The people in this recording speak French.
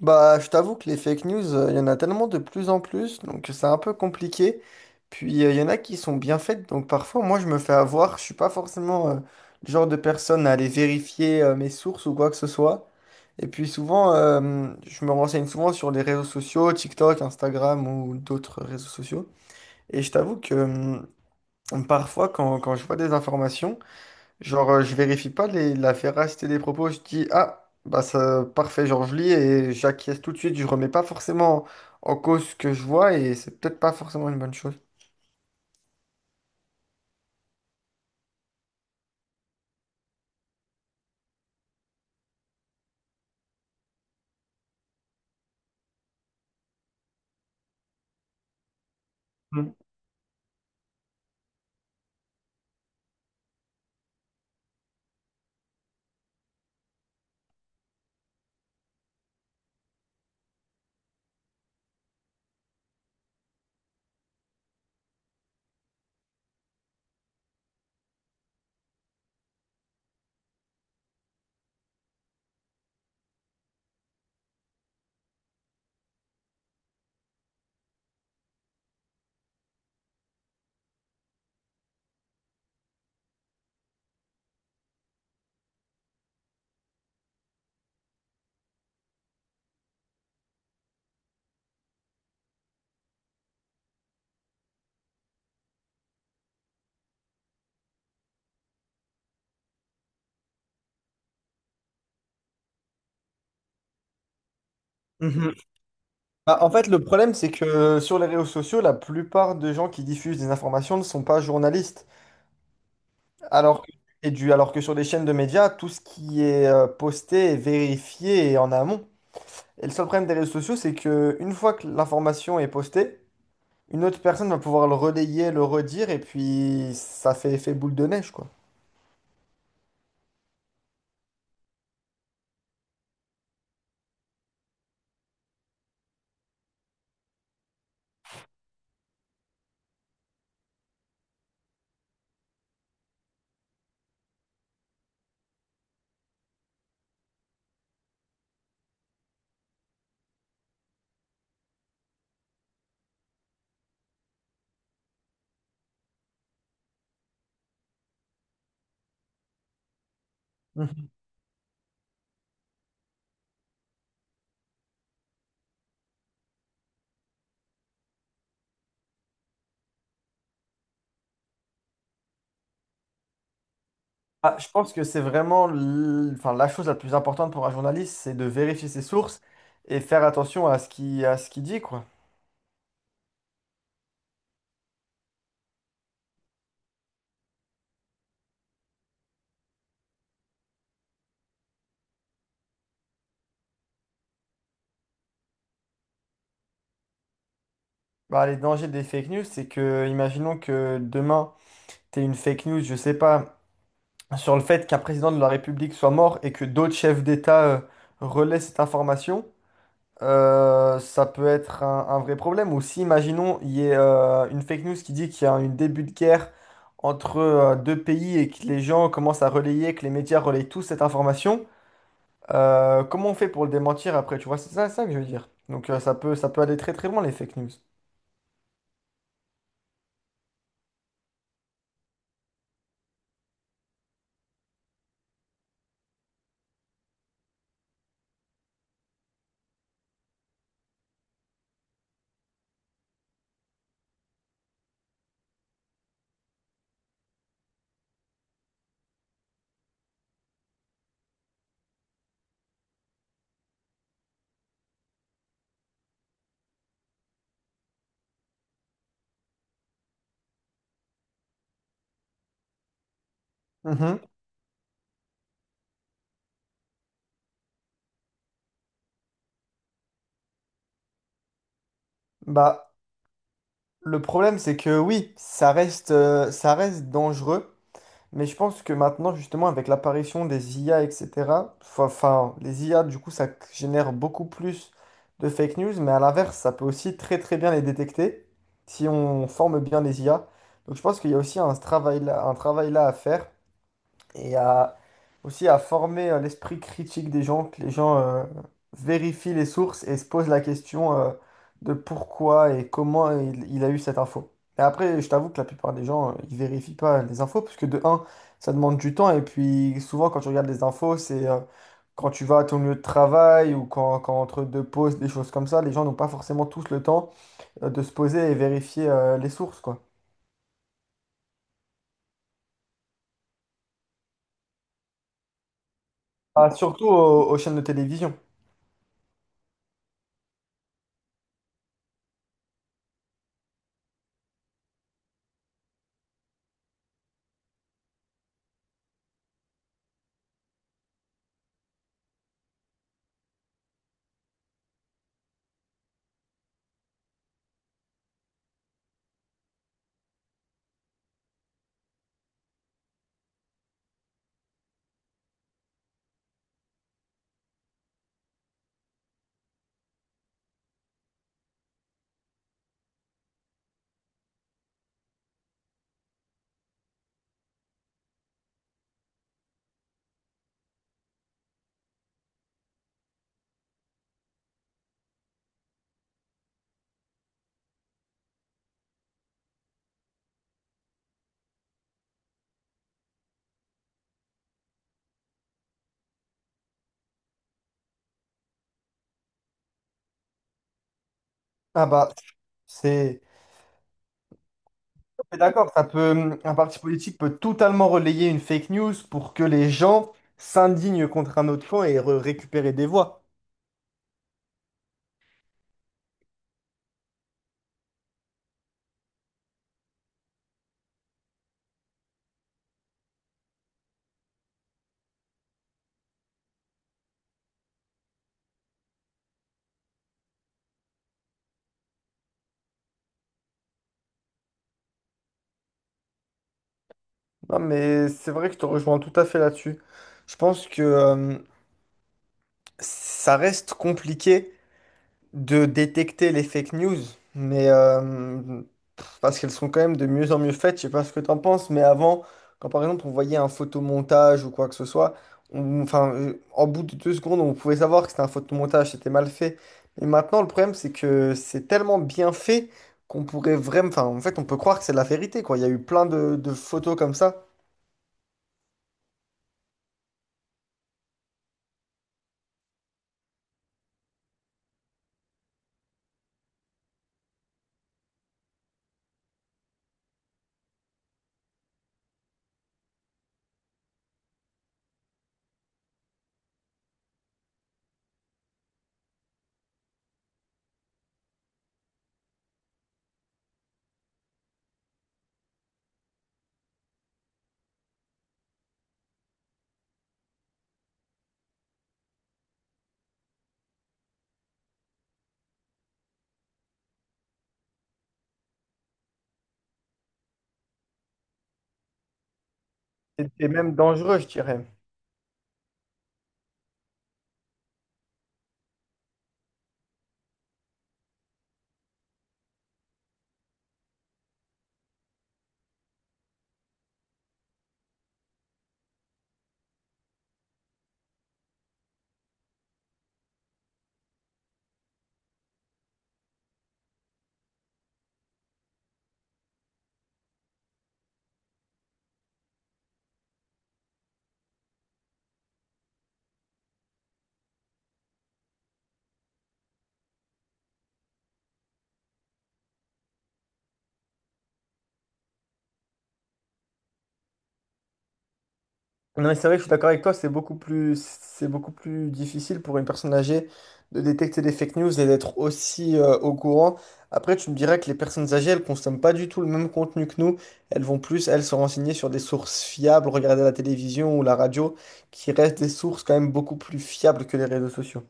Bah, je t'avoue que les fake news, il y en a tellement de plus en plus, donc c'est un peu compliqué. Puis il y en a qui sont bien faites, donc parfois moi je me fais avoir, je suis pas forcément le genre de personne à aller vérifier mes sources ou quoi que ce soit. Et puis souvent, je me renseigne souvent sur les réseaux sociaux, TikTok, Instagram ou d'autres réseaux sociaux. Et je t'avoue que parfois quand je vois des informations, genre, je vérifie pas la véracité des propos, je dis, ah, bah ça, parfait, genre je lis et j'acquiesce tout de suite, je remets pas forcément en cause ce que je vois et c'est peut-être pas forcément une bonne chose. Mhm. Mhm. Bah, en fait, le problème, c'est que sur les réseaux sociaux, la plupart des gens qui diffusent des informations ne sont pas journalistes. Alors que, alors que sur les chaînes de médias, tout ce qui est posté est vérifié et en amont. Et le seul problème des réseaux sociaux, c'est que une fois que l'information est postée, une autre personne va pouvoir le relayer, le redire, et puis ça fait effet boule de neige, quoi. Mhm. Ah, je pense que c'est vraiment enfin, la chose la plus importante pour un journaliste, c'est de vérifier ses sources et faire attention à ce qu'il dit, quoi. Bah, les dangers des fake news, c'est que, imaginons que demain, t'aies une fake news, je sais pas, sur le fait qu'un président de la République soit mort et que d'autres chefs d'État, relaient cette information. Ça peut être un vrai problème. Ou si, imaginons, il y a une fake news qui dit qu'il y a un début de guerre entre deux pays et que les gens commencent à relayer, que les médias relayent tous cette information, comment on fait pour le démentir après? Tu vois, c'est ça, ça que je veux dire. Donc ça peut aller très très loin, les fake news. Mhm. Bah, le problème, c'est que oui, ça reste dangereux. Mais je pense que maintenant, justement, avec l'apparition des IA, etc., enfin, les IA, du coup, ça génère beaucoup plus de fake news, mais à l'inverse, ça peut aussi très très bien les détecter si on forme bien les IA. Donc je pense qu'il y a aussi un travail là à faire et à aussi à former l'esprit critique des gens, que les gens vérifient les sources et se posent la question de pourquoi et comment il a eu cette info. Et après, je t'avoue que la plupart des gens, ils vérifient pas les infos, parce que de un, ça demande du temps, et puis souvent quand tu regardes les infos, c'est quand tu vas à ton lieu de travail ou quand entre deux pauses, des choses comme ça, les gens n'ont pas forcément tous le temps de se poser et vérifier les sources, quoi. Ah, surtout aux chaînes de télévision. Ah bah, c'est... Mais d'accord, ça peut, un parti politique peut totalement relayer une fake news pour que les gens s'indignent contre un autre camp et récupérer des voix. Non, mais c'est vrai que je te rejoins tout à fait là-dessus. Je pense que ça reste compliqué de détecter les fake news, mais euh, parce qu'elles sont quand même de mieux en mieux faites. Je sais pas ce que t'en penses, mais avant, quand par exemple on voyait un photomontage ou quoi que ce soit, enfin, en bout de deux secondes, on pouvait savoir que c'était un photomontage, c'était mal fait. Mais maintenant, le problème, c'est que c'est tellement bien fait qu'on pourrait vraiment, enfin, en fait, on peut croire que c'est la vérité, quoi. Il y a eu plein de photos comme ça. C'était même dangereux, je dirais. Non, mais c'est vrai que je suis d'accord avec toi, c'est beaucoup plus difficile pour une personne âgée de détecter des fake news et d'être aussi au courant. Après, tu me dirais que les personnes âgées, elles consomment pas du tout le même contenu que nous. Elles vont plus, elles, se renseigner sur des sources fiables, regarder la télévision ou la radio, qui restent des sources quand même beaucoup plus fiables que les réseaux sociaux.